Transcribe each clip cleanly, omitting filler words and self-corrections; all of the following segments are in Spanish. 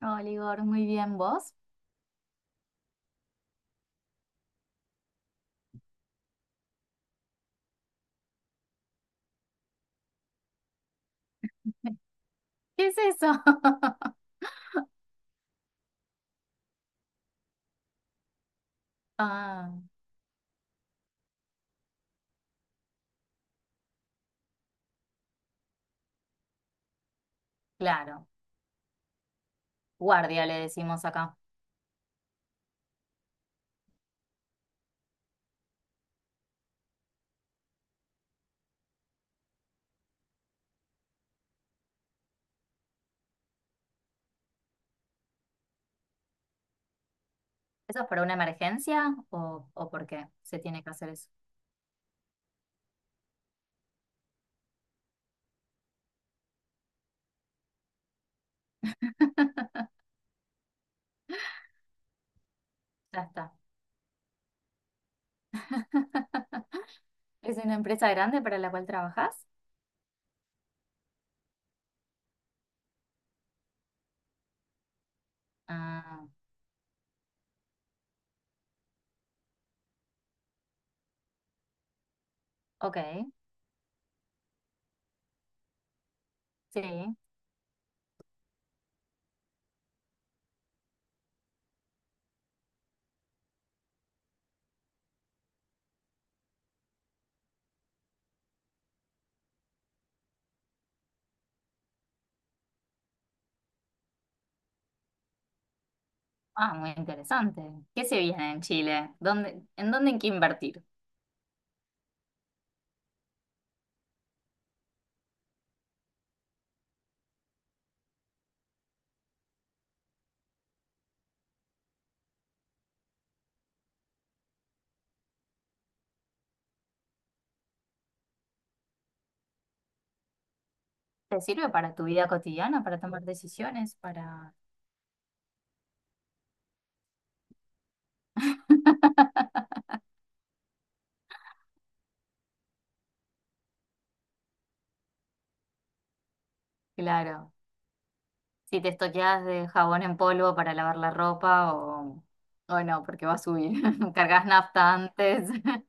Hola, Igor, muy bien, ¿vos? ¿Qué es eso? Ah, claro, guardia le decimos acá. ¿Eso es para una emergencia o por qué se tiene que hacer eso? Ya está. ¿Es una empresa grande para la cual trabajas? Ah, ok, sí. Ah, muy interesante. ¿Qué se viene en Chile? ¿Dónde, en dónde hay que invertir? ¿Te sirve para tu vida cotidiana, para tomar decisiones, para... Claro. Si te estoqueás de jabón en polvo para lavar la ropa o no, porque va a subir. Cargas nafta antes.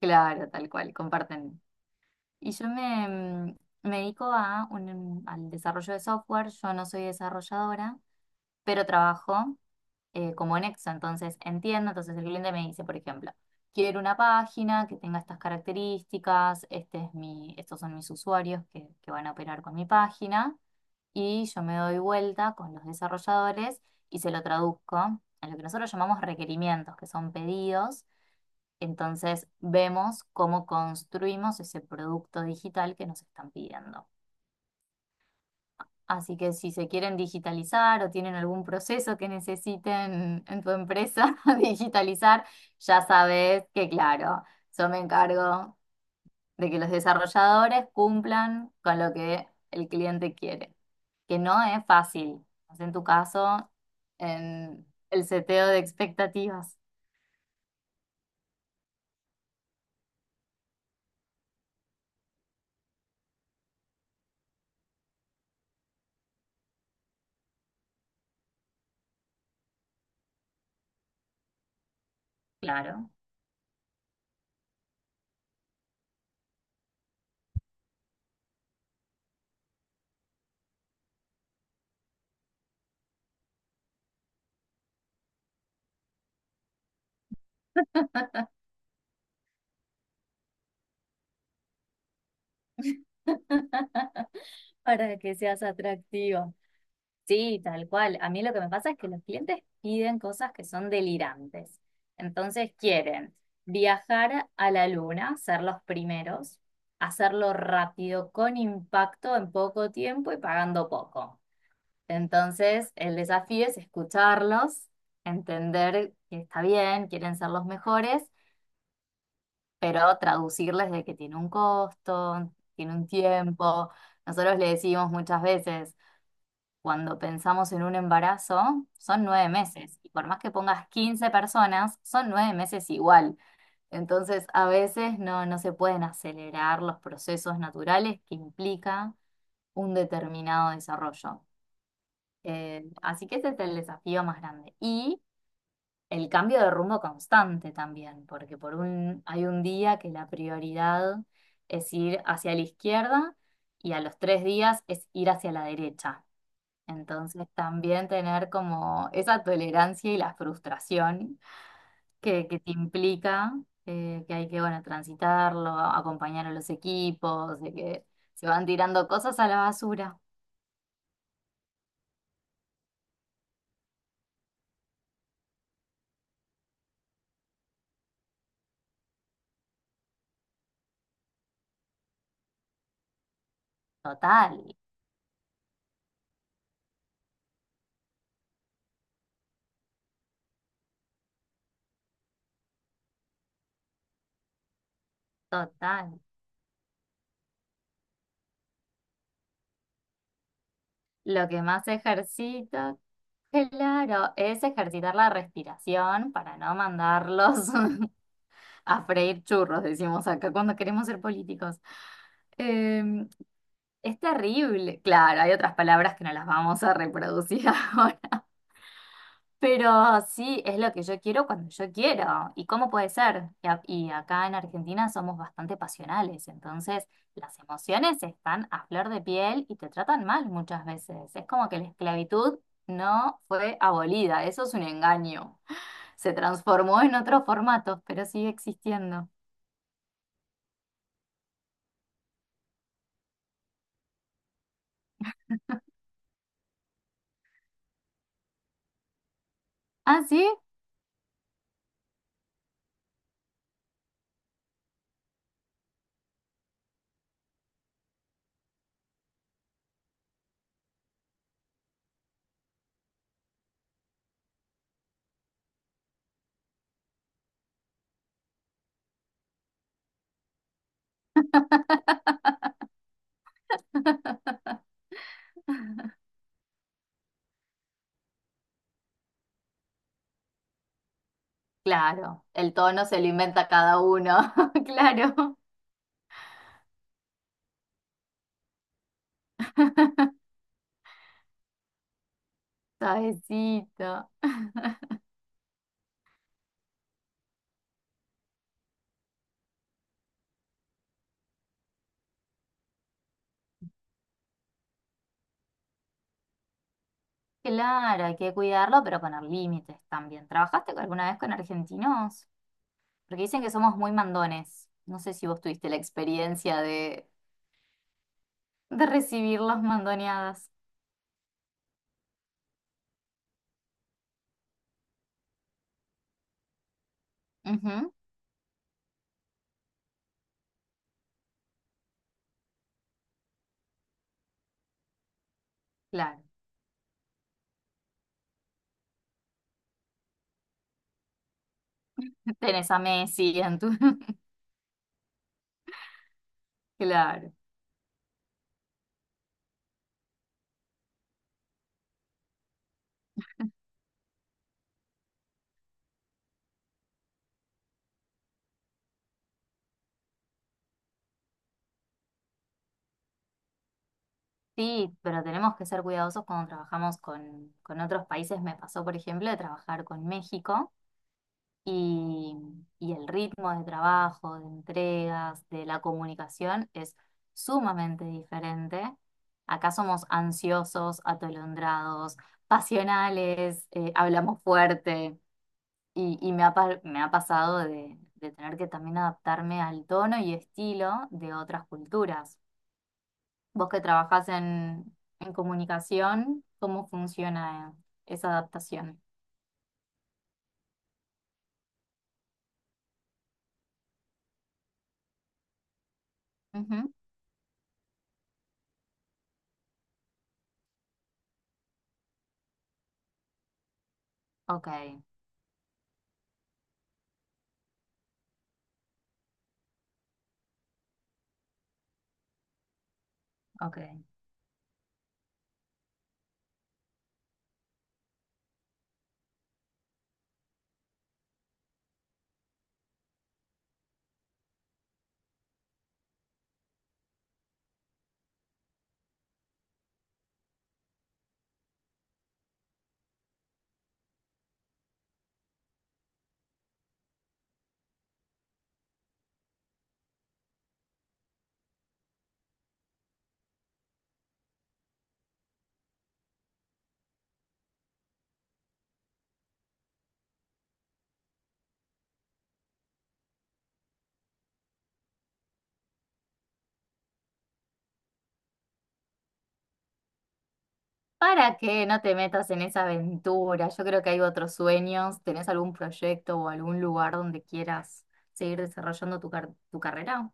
Claro, tal cual, comparten. Y yo me dedico al desarrollo de software. Yo no soy desarrolladora, pero trabajo. Como nexo. Entonces entiendo, entonces el cliente me dice, por ejemplo, quiero una página que tenga estas características, estos son mis usuarios que van a operar con mi página, y yo me doy vuelta con los desarrolladores y se lo traduzco a lo que nosotros llamamos requerimientos, que son pedidos. Entonces vemos cómo construimos ese producto digital que nos están pidiendo. Así que si se quieren digitalizar o tienen algún proceso que necesiten en tu empresa digitalizar, ya sabes que, claro, yo me encargo de que los desarrolladores cumplan con lo que el cliente quiere, que no es fácil. En tu caso, en el seteo de expectativas, claro. Para que seas atractiva. Sí, tal cual. A mí lo que me pasa es que los clientes piden cosas que son delirantes. Entonces quieren viajar a la luna, ser los primeros, hacerlo rápido, con impacto, en poco tiempo y pagando poco. Entonces el desafío es escucharlos, entender que está bien, quieren ser los mejores, pero traducirles de que tiene un costo, tiene un tiempo. Nosotros le decimos muchas veces, cuando pensamos en un embarazo, son 9 meses, y por más que pongas 15 personas, son 9 meses igual. Entonces, a veces no se pueden acelerar los procesos naturales que implica un determinado desarrollo. Así que ese es el desafío más grande. Y el cambio de rumbo constante también, porque hay un día que la prioridad es ir hacia la izquierda y a los 3 días es ir hacia la derecha. Entonces también tener como esa tolerancia y la frustración que te implica que hay que, bueno, transitarlo, acompañar a los equipos, de que se van tirando cosas a la basura. Total, total. Lo que más ejercito, claro, es ejercitar la respiración para no mandarlos a freír churros, decimos acá cuando queremos ser políticos. Em, es terrible. Claro, hay otras palabras que no las vamos a reproducir ahora, pero sí, es lo que yo quiero cuando yo quiero. ¿Y cómo puede ser? Y acá en Argentina somos bastante pasionales, entonces las emociones están a flor de piel y te tratan mal muchas veces. Es como que la esclavitud no fue abolida, eso es un engaño. Se transformó en otros formatos, pero sigue existiendo. ¿Ah, sí? Claro, el tono se lo inventa cada uno, claro. Suavecito. Claro, hay que cuidarlo, pero poner límites también. ¿Trabajaste alguna vez con argentinos? Porque dicen que somos muy mandones. No sé si vos tuviste la experiencia de, recibir las mandoneadas. Ujú, claro. Tenés a Messi en tu... Claro. Sí, pero tenemos que ser cuidadosos cuando trabajamos con otros países. Me pasó, por ejemplo, de trabajar con México y, y el ritmo de trabajo, de entregas, de la comunicación es sumamente diferente. Acá somos ansiosos, atolondrados, pasionales, hablamos fuerte y me ha, pa- me ha pasado de tener que también adaptarme al tono y estilo de otras culturas. Vos que trabajás en comunicación, ¿cómo funciona esa adaptación? Ujú, ok, ok. Para que no te metas en esa aventura, yo creo que hay otros sueños. ¿Tenés algún proyecto o algún lugar donde quieras seguir desarrollando tu carrera?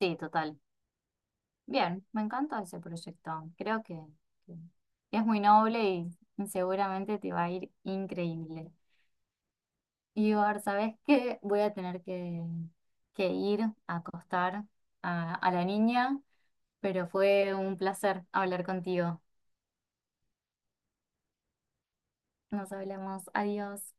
Sí, total. Bien, me encanta ese proyecto. Creo que es muy noble y seguramente te va a ir increíble. Ibar, ¿sabes qué? Voy a tener que, ir a acostar a la niña, pero fue un placer hablar contigo. Nos hablamos. Adiós.